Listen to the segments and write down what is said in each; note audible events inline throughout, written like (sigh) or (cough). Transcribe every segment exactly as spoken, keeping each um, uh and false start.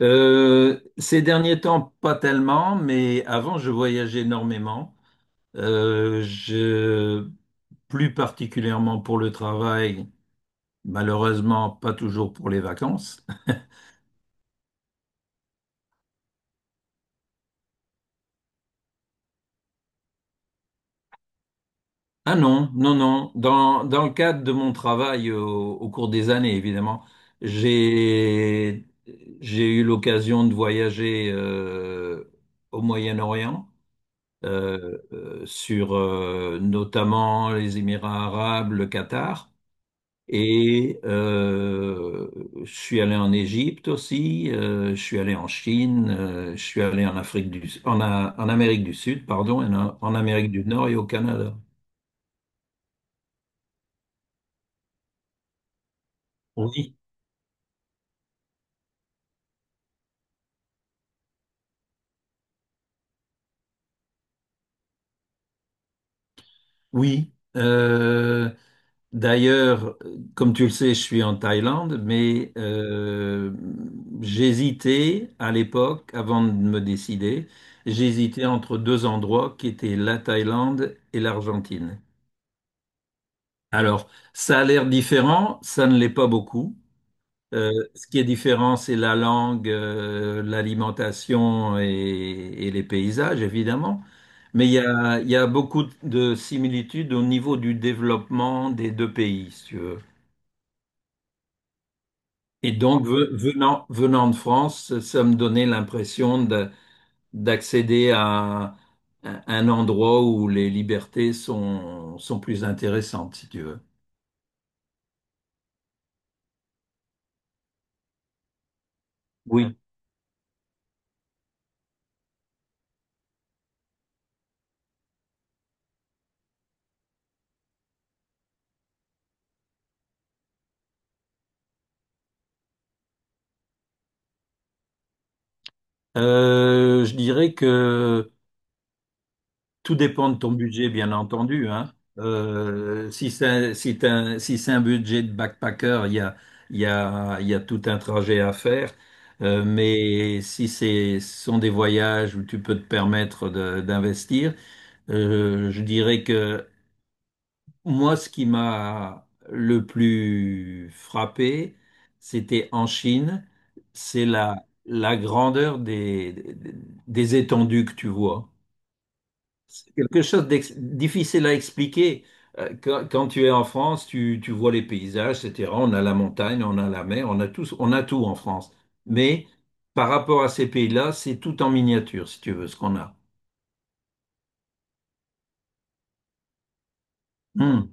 Euh, ces derniers temps, pas tellement, mais avant, je voyageais énormément. Euh, je, plus particulièrement pour le travail, malheureusement, pas toujours pour les vacances. (laughs) Ah non, non, non. Dans, dans le cadre de mon travail au, au cours des années, évidemment, j'ai, j'ai eu l'occasion de voyager euh, au Moyen-Orient, euh, euh, sur euh, notamment les Émirats arabes, le Qatar. Et euh, je suis allé en Égypte aussi, euh, je suis allé en Chine, euh, je suis allé en Afrique du, en, A- en Amérique du Sud, pardon, et en, en Amérique du Nord et au Canada. Oui, oui. Euh, d'ailleurs, comme tu le sais, je suis en Thaïlande, mais euh, j'hésitais à l'époque, avant de me décider, j'hésitais entre deux endroits qui étaient la Thaïlande et l'Argentine. Alors, ça a l'air différent, ça ne l'est pas beaucoup. Euh, ce qui est différent, c'est la langue, euh, l'alimentation et, et les paysages, évidemment. Mais il y a, il y a beaucoup de similitudes au niveau du développement des deux pays, si tu veux. Et donc, ve- venant, venant de France, ça me donnait l'impression de- d'accéder à un un endroit où les libertés sont, sont plus intéressantes, si tu veux. Oui. Euh, je dirais que tout dépend de ton budget, bien entendu, hein. Euh, si c'est un, si t'as un- si c'est un budget de backpacker, il y a, il y a, il y a tout un trajet à faire. Euh, mais si c'est, ce sont des voyages où tu peux te permettre de- d'investir, euh, je dirais que moi, ce qui m'a le plus frappé, c'était en Chine, c'est la, la grandeur des, des des étendues que tu vois. C'est quelque chose de difficile à expliquer. Euh, Quand, quand tu es en France, tu, tu vois les paysages, et cetera. On a la montagne, on a la mer, on a tout, on a tout en France. Mais par rapport à ces pays-là, c'est tout en miniature, si tu veux, ce qu'on a. Hmm.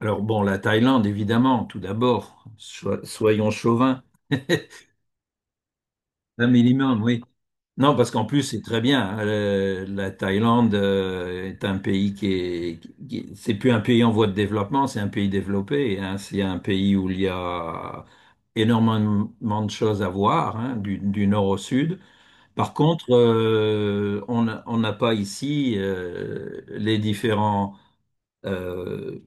Alors bon, la Thaïlande, évidemment, tout d'abord, So- soyons chauvins, (laughs) un minimum, oui. Non, parce qu'en plus, c'est très bien. Euh, la Thaïlande euh, est un pays qui est, qui- c'est plus un pays en voie de développement, c'est un pays développé, hein. C'est un pays où il y a énormément de choses à voir, hein, du, du nord au sud. Par contre, euh, on a- on n'a pas ici euh, les différents. euh,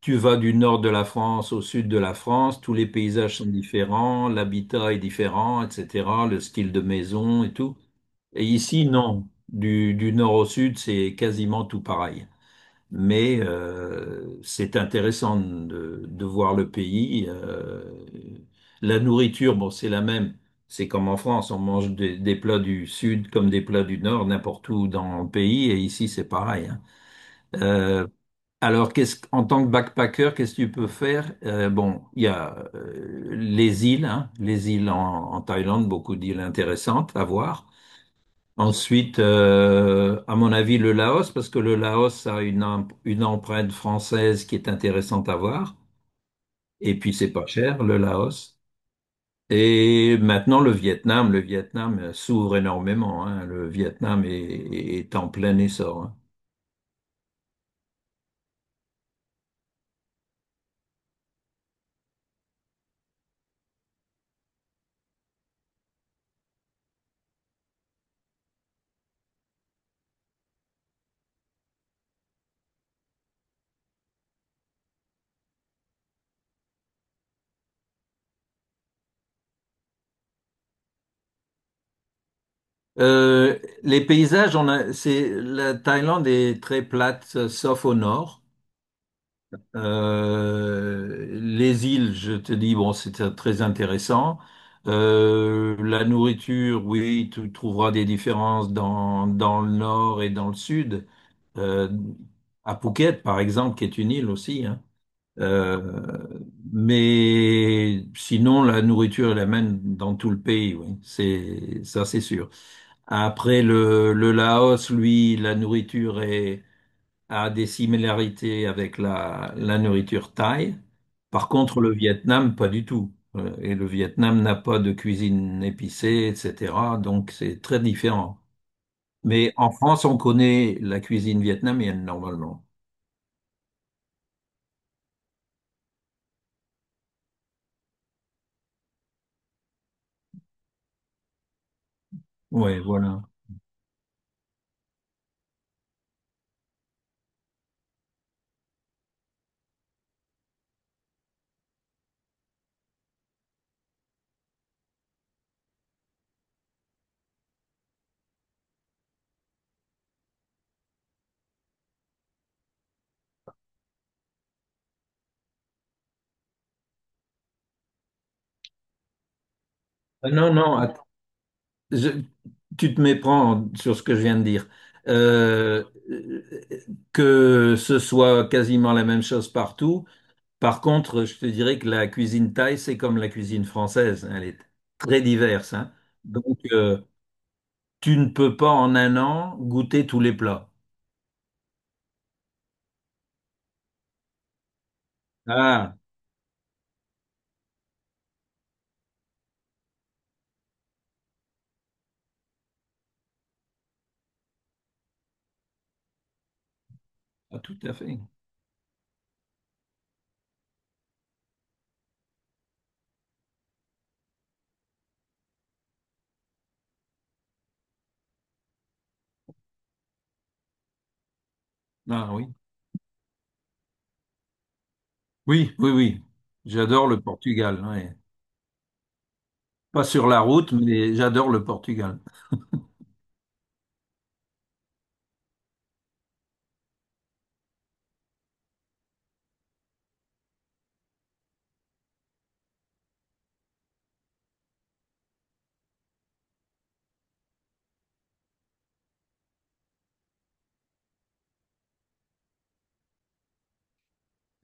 tu vas du nord de la France au sud de la France, tous les paysages sont différents, l'habitat est différent, et cetera. Le style de maison et tout. Et ici, non. Du, du nord au sud, c'est quasiment tout pareil. Mais euh, c'est intéressant de, de voir le pays. euh, la nourriture, bon, c'est la même. C'est comme en France, on mange des, des plats du sud comme des plats du nord, n'importe où dans le pays. Et ici, c'est pareil, hein. Euh, alors, qu'est-ce, en tant que backpacker, qu'est-ce que tu peux faire? Euh, bon, il y a euh, les îles, hein, les îles en, en Thaïlande, beaucoup d'îles intéressantes à voir. Ensuite, euh, à mon avis, le Laos, parce que le Laos a une, em- une empreinte française qui est intéressante à voir. Et puis, c'est pas cher, le Laos. Et maintenant, le Vietnam. Le Vietnam euh, s'ouvre énormément, hein. Le Vietnam est, est en plein essor, hein. Euh, les paysages, on a, c'est, la Thaïlande est très plate, euh, sauf au nord. Euh, les îles, je te dis, bon, c'était très intéressant. Euh, la nourriture, oui, tu trouveras des différences dans, dans le nord et dans le sud. Euh, à Phuket, par exemple, qui est une île aussi, hein. Euh, mais sinon, la nourriture est la même dans tout le pays, oui, c'est ça, c'est sûr. Après, le, le Laos, lui, la nourriture est a des similarités avec la, la nourriture thaï. Par contre, le Vietnam, pas du tout. Euh, Et le Vietnam n'a pas de cuisine épicée, et cetera. Donc, c'est très différent. Mais en France, on connaît la cuisine vietnamienne, normalement. Ouais, voilà. Ah non, non, att- je- tu te méprends sur ce que je viens de dire. Euh, euh, que ce soit quasiment la même chose partout. Par contre, je te dirais que la cuisine thaï, c'est comme la cuisine française, hein, elle est très diverse, hein. Donc, euh, tu ne peux pas en un an goûter tous les plats. Ah, ah, tout à fait. Ah oui. Oui, oui, oui. J'adore le Portugal, ouais. Pas sur la route, mais j'adore le Portugal.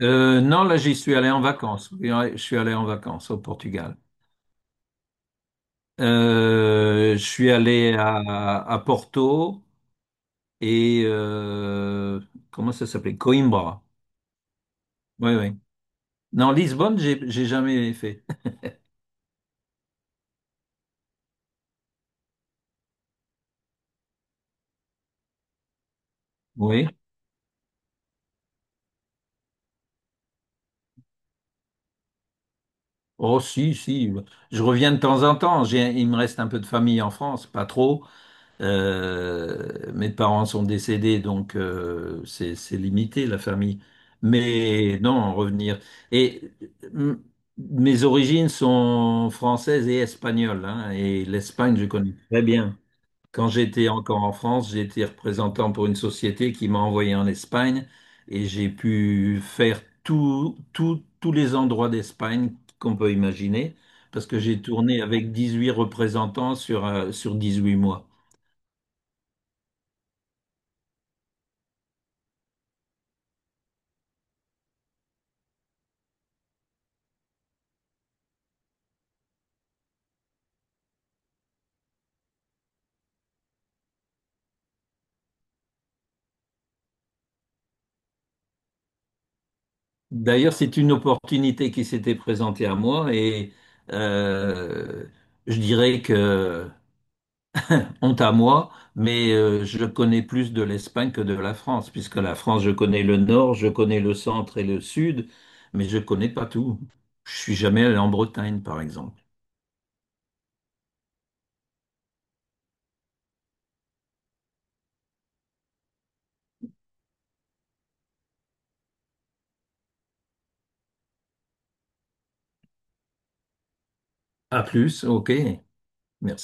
Euh, non, là, j'y suis allé en vacances. Oui, ouais, je suis allé en vacances au Portugal. Euh, je suis allé à, à Porto et euh, comment ça s'appelait? Coimbra. Oui, oui. Non, Lisbonne, j'ai j'ai jamais fait. Oui. Oh, si, si. Je reviens de temps en temps. J'ai, il me reste un peu de famille en France, pas trop. Euh, mes parents sont décédés, donc euh, c'est c'est limité la famille. Mais non, revenir. Et mm, mes origines sont françaises et espagnoles, hein, et l'Espagne, je connais très bien. Quand j'étais encore en France, j'étais représentant pour une société qui m'a envoyé en Espagne et j'ai pu faire tout, tout- tous les endroits d'Espagne qu'on peut imaginer parce que j'ai tourné avec dix-huit représentants sur, euh, sur dix-huit mois. D'ailleurs, c'est une opportunité qui s'était présentée à moi et euh, je dirais que honte à moi, mais euh, je connais plus de l'Espagne que de la France, puisque la France, je connais le nord, je connais le centre et le sud, mais je connais pas tout. Je suis jamais allé en Bretagne, par exemple. À plus, ok, merci.